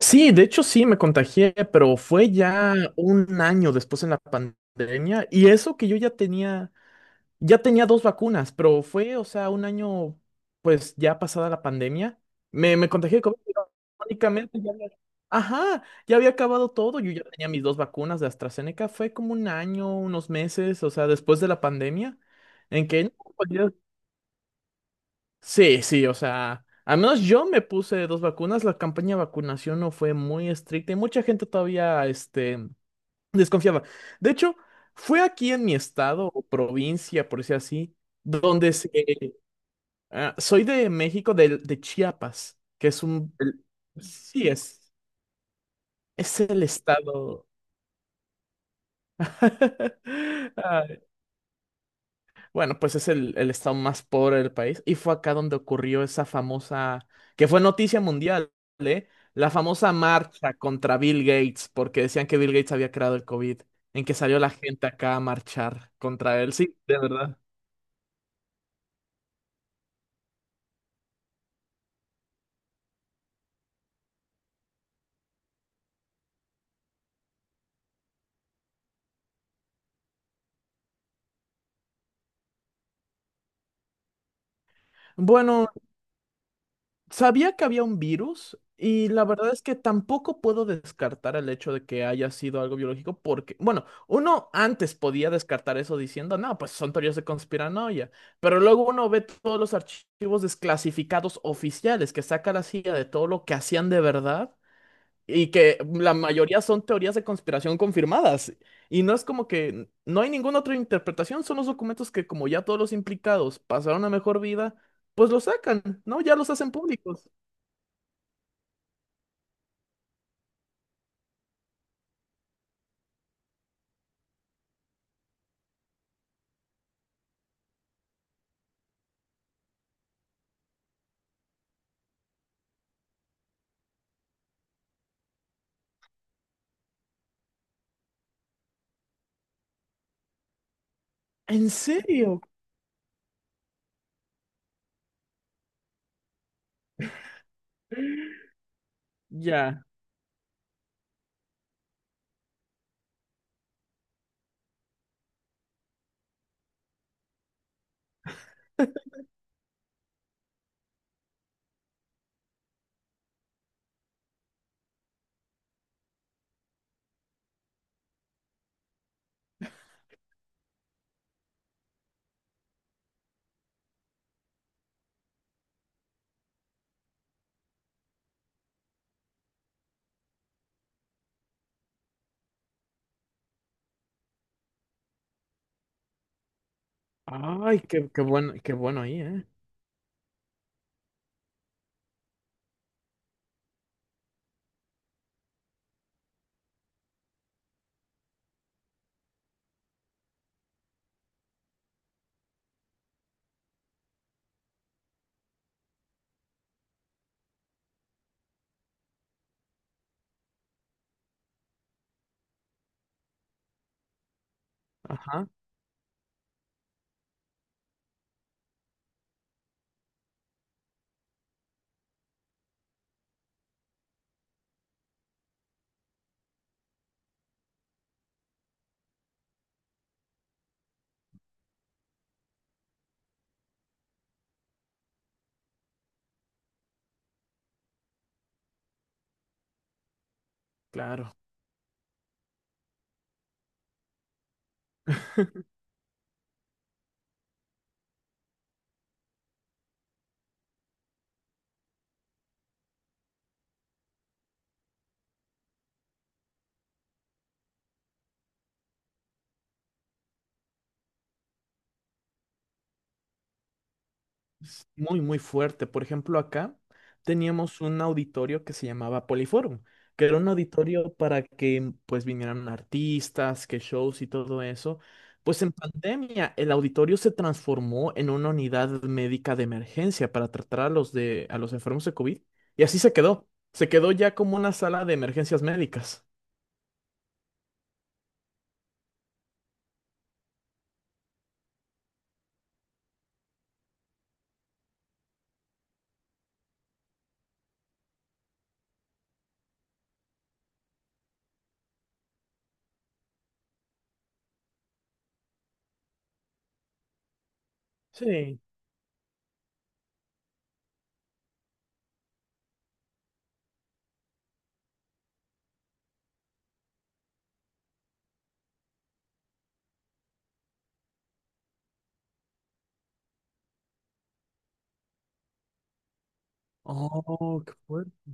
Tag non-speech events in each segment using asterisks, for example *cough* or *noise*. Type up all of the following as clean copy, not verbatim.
Sí, de hecho sí me contagié, pero fue ya un año después en la pandemia y eso que yo ya tenía dos vacunas, pero fue, o sea, un año pues ya pasada la pandemia, me contagié de COVID. Pero irónicamente ya había, ajá, ya había acabado todo. Yo ya tenía mis dos vacunas de AstraZeneca, fue como un año, unos meses, o sea, después de la pandemia, en que no. Sí, sí, o sea, al menos yo me puse dos vacunas. La campaña de vacunación no fue muy estricta y mucha gente todavía, desconfiaba. De hecho, fue aquí en mi estado o provincia, por decir así. donde se- ah, soy de México, de Chiapas, que es un, El- sí, es el estado. *laughs* ah, Bueno, pues es el estado más pobre del país. Y fue acá donde ocurrió esa famosa, que fue noticia mundial, ¿eh? La famosa marcha contra Bill Gates, porque decían que Bill Gates había creado el COVID, en que salió la gente acá a marchar contra él. Sí, de verdad. Bueno, sabía que había un virus y la verdad es que tampoco puedo descartar el hecho de que haya sido algo biológico porque, bueno, uno antes podía descartar eso diciendo, no, pues son teorías de conspiranoia, pero luego uno ve todos los archivos desclasificados oficiales que saca la CIA de todo lo que hacían de verdad y que la mayoría son teorías de conspiración confirmadas. Y no es como que no hay ninguna otra interpretación, son los documentos que como ya todos los implicados pasaron a mejor vida, pues los sacan, ¿no? Ya los hacen públicos. ¿En serio? Ya. Ay, qué bueno, qué bueno ahí, ¿eh? Ajá, claro. *laughs* Es muy, muy fuerte. Por ejemplo, acá teníamos un auditorio que se llamaba Poliforum, que era un auditorio para que pues vinieran artistas, que shows y todo eso. Pues en pandemia el auditorio se transformó en una unidad médica de emergencia para tratar a los enfermos de COVID y así se quedó. Se quedó ya como una sala de emergencias médicas. Sí. Oh, qué fuerte.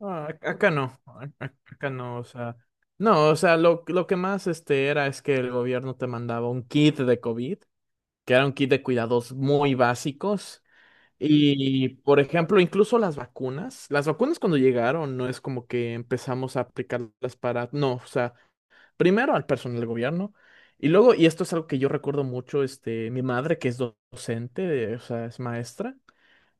Ah, acá no, acá no, o sea, no, o sea, lo que más este era es que el gobierno te mandaba un kit de COVID, que era un kit de cuidados muy básicos. Y, por ejemplo, incluso las vacunas cuando llegaron, no es como que empezamos a aplicarlas para, no, o sea, primero al personal del gobierno. Y luego, y esto es algo que yo recuerdo mucho, mi madre, que es docente, o sea, es maestra.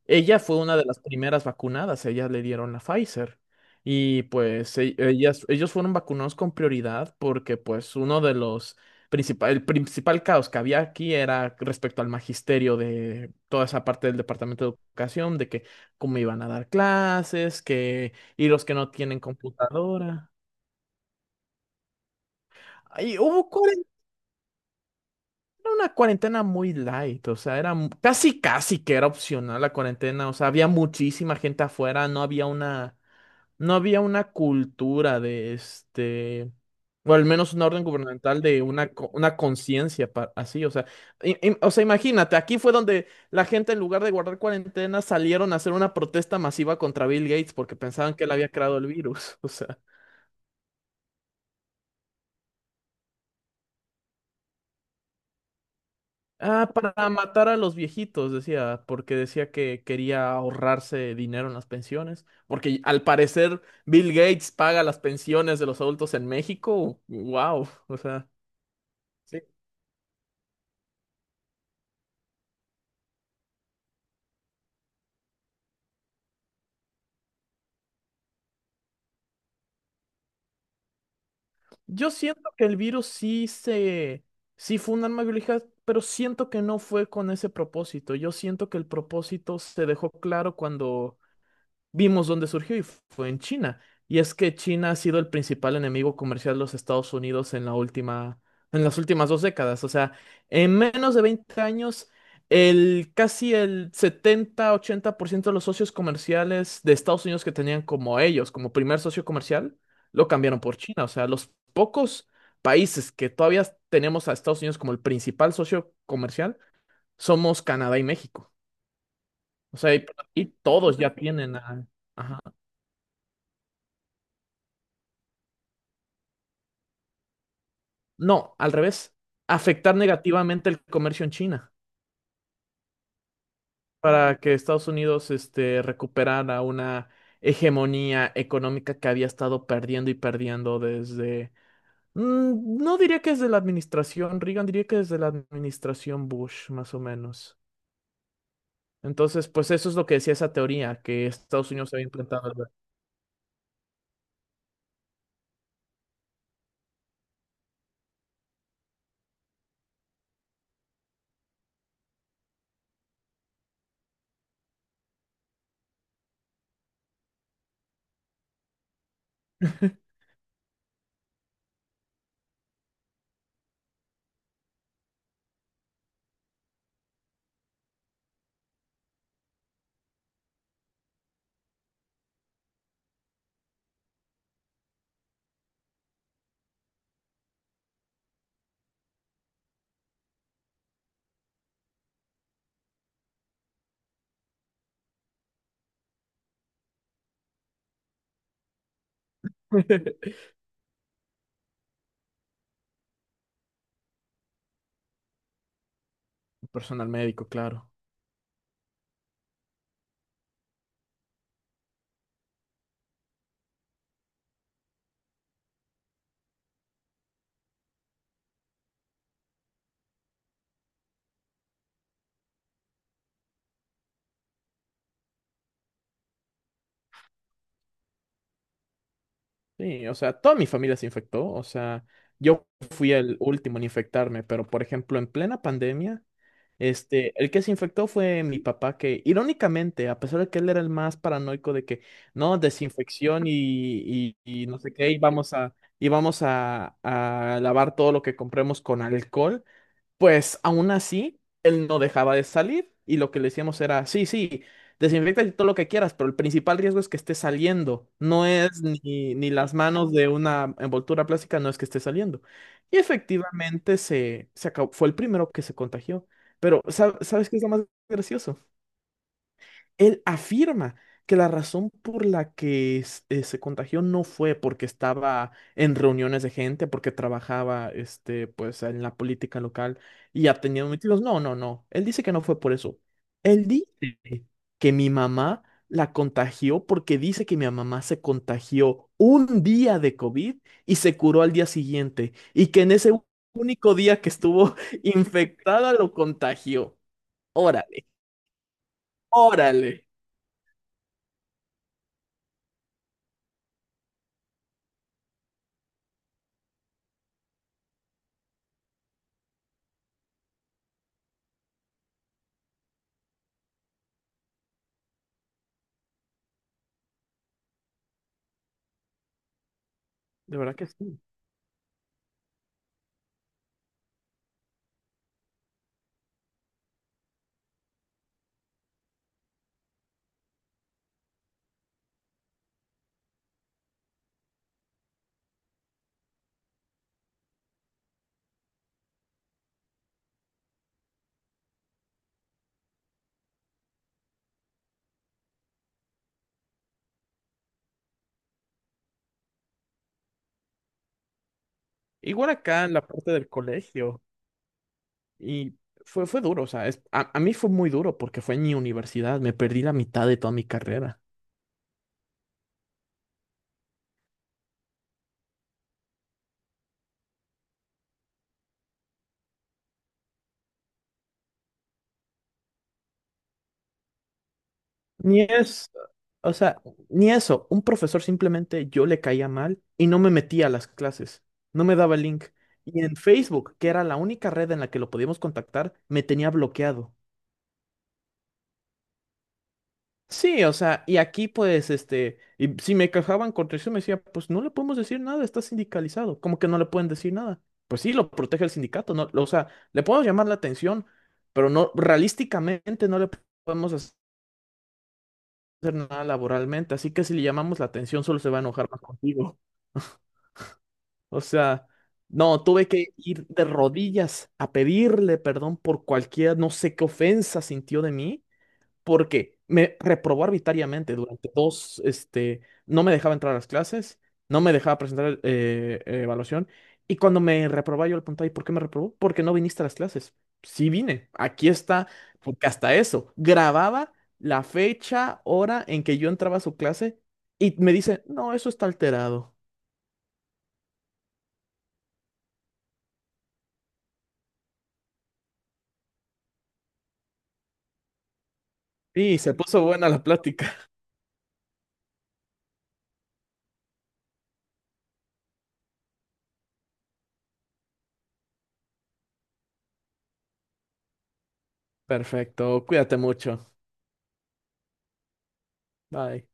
Ella fue una de las primeras vacunadas, ellas le dieron la Pfizer. Y pues ellos fueron vacunados con prioridad porque pues uno de los principal, el principal caos que había aquí era respecto al magisterio de toda esa parte del Departamento de Educación, de que cómo iban a dar clases, que y los que no tienen computadora. Y hubo una cuarentena muy light, o sea, era casi casi que era opcional la cuarentena, o sea, había muchísima gente afuera, no había una cultura de este, o al menos una orden gubernamental de una, una conciencia así, o sea, o sea, imagínate, aquí fue donde la gente en lugar de guardar cuarentena salieron a hacer una protesta masiva contra Bill Gates porque pensaban que él había creado el virus. *laughs* O sea, ah, para matar a los viejitos, decía, porque decía que quería ahorrarse dinero en las pensiones, porque al parecer Bill Gates paga las pensiones de los adultos en México, wow, o sea. Yo siento que el virus sí fue un arma biológica, pero siento que no fue con ese propósito. Yo siento que el propósito se dejó claro cuando vimos dónde surgió y fue en China. Y es que China ha sido el principal enemigo comercial de los Estados Unidos en en las últimas 2 décadas. O sea, en menos de 20 años, el casi el 70-80% de los socios comerciales de Estados Unidos que tenían como ellos, como primer socio comercial, lo cambiaron por China. O sea, los pocos países que todavía tenemos a Estados Unidos como el principal socio comercial somos Canadá y México. O sea, y todos ya tienen a... ajá. No, al revés. Afectar negativamente el comercio en China para que Estados Unidos recuperara una hegemonía económica que había estado perdiendo y perdiendo desde... no diría que desde la administración Reagan, diría que desde la administración Bush, más o menos. Entonces, pues eso es lo que decía esa teoría, que Estados Unidos había implantado el... *laughs* Personal médico, claro. Sí, o sea, toda mi familia se infectó, o sea, yo fui el último en infectarme, pero por ejemplo, en plena pandemia, el que se infectó fue mi papá, que irónicamente, a pesar de que él era el más paranoico de que, no, desinfección y no sé qué, y vamos a lavar todo lo que compremos con alcohol, pues aún así, él no dejaba de salir y lo que le decíamos era, sí, sí, desinfecta y todo lo que quieras, pero el principal riesgo es que esté saliendo, no es ni las manos de una envoltura plástica, no es que esté saliendo. Y efectivamente se acabó, fue el primero que se contagió. Pero, ¿sabes qué es lo más gracioso? Él afirma que la razón por la que se contagió no fue porque estaba en reuniones de gente, porque trabajaba pues, en la política local y ha tenido metidos. No, no, no. Él dice que no fue por eso. Él dice que mi mamá la contagió porque dice que mi mamá se contagió un día de COVID y se curó al día siguiente y que en ese único día que estuvo *laughs* infectada lo contagió. Órale, órale. De verdad que sí. Igual acá en la parte del colegio. Y fue duro, o sea, a mí fue muy duro porque fue en mi universidad, me perdí la mitad de toda mi carrera. Ni es, O sea, ni eso, un profesor simplemente yo le caía mal y no me metía a las clases, no me daba el link. Y en Facebook, que era la única red en la que lo podíamos contactar, me tenía bloqueado. Sí, o sea, y aquí pues, y si me quejaban contra eso, me decía, pues no le podemos decir nada, está sindicalizado. ¿Cómo que no le pueden decir nada? Pues sí, lo protege el sindicato, ¿no? O sea, le podemos llamar la atención, pero no, realísticamente no le podemos hacer nada laboralmente, así que si le llamamos la atención solo se va a enojar más contigo. O sea, no, tuve que ir de rodillas a pedirle perdón por cualquier, no sé qué ofensa sintió de mí, porque me reprobó arbitrariamente durante dos, no me dejaba entrar a las clases, no me dejaba presentar evaluación, y cuando me reprobaba yo le preguntaba, ¿y por qué me reprobó? Porque no viniste a las clases. Sí vine, aquí está, porque hasta eso, grababa la fecha, hora en que yo entraba a su clase y me dice, no, eso está alterado. Y se puso buena la plática. *laughs* Perfecto, cuídate mucho. Bye.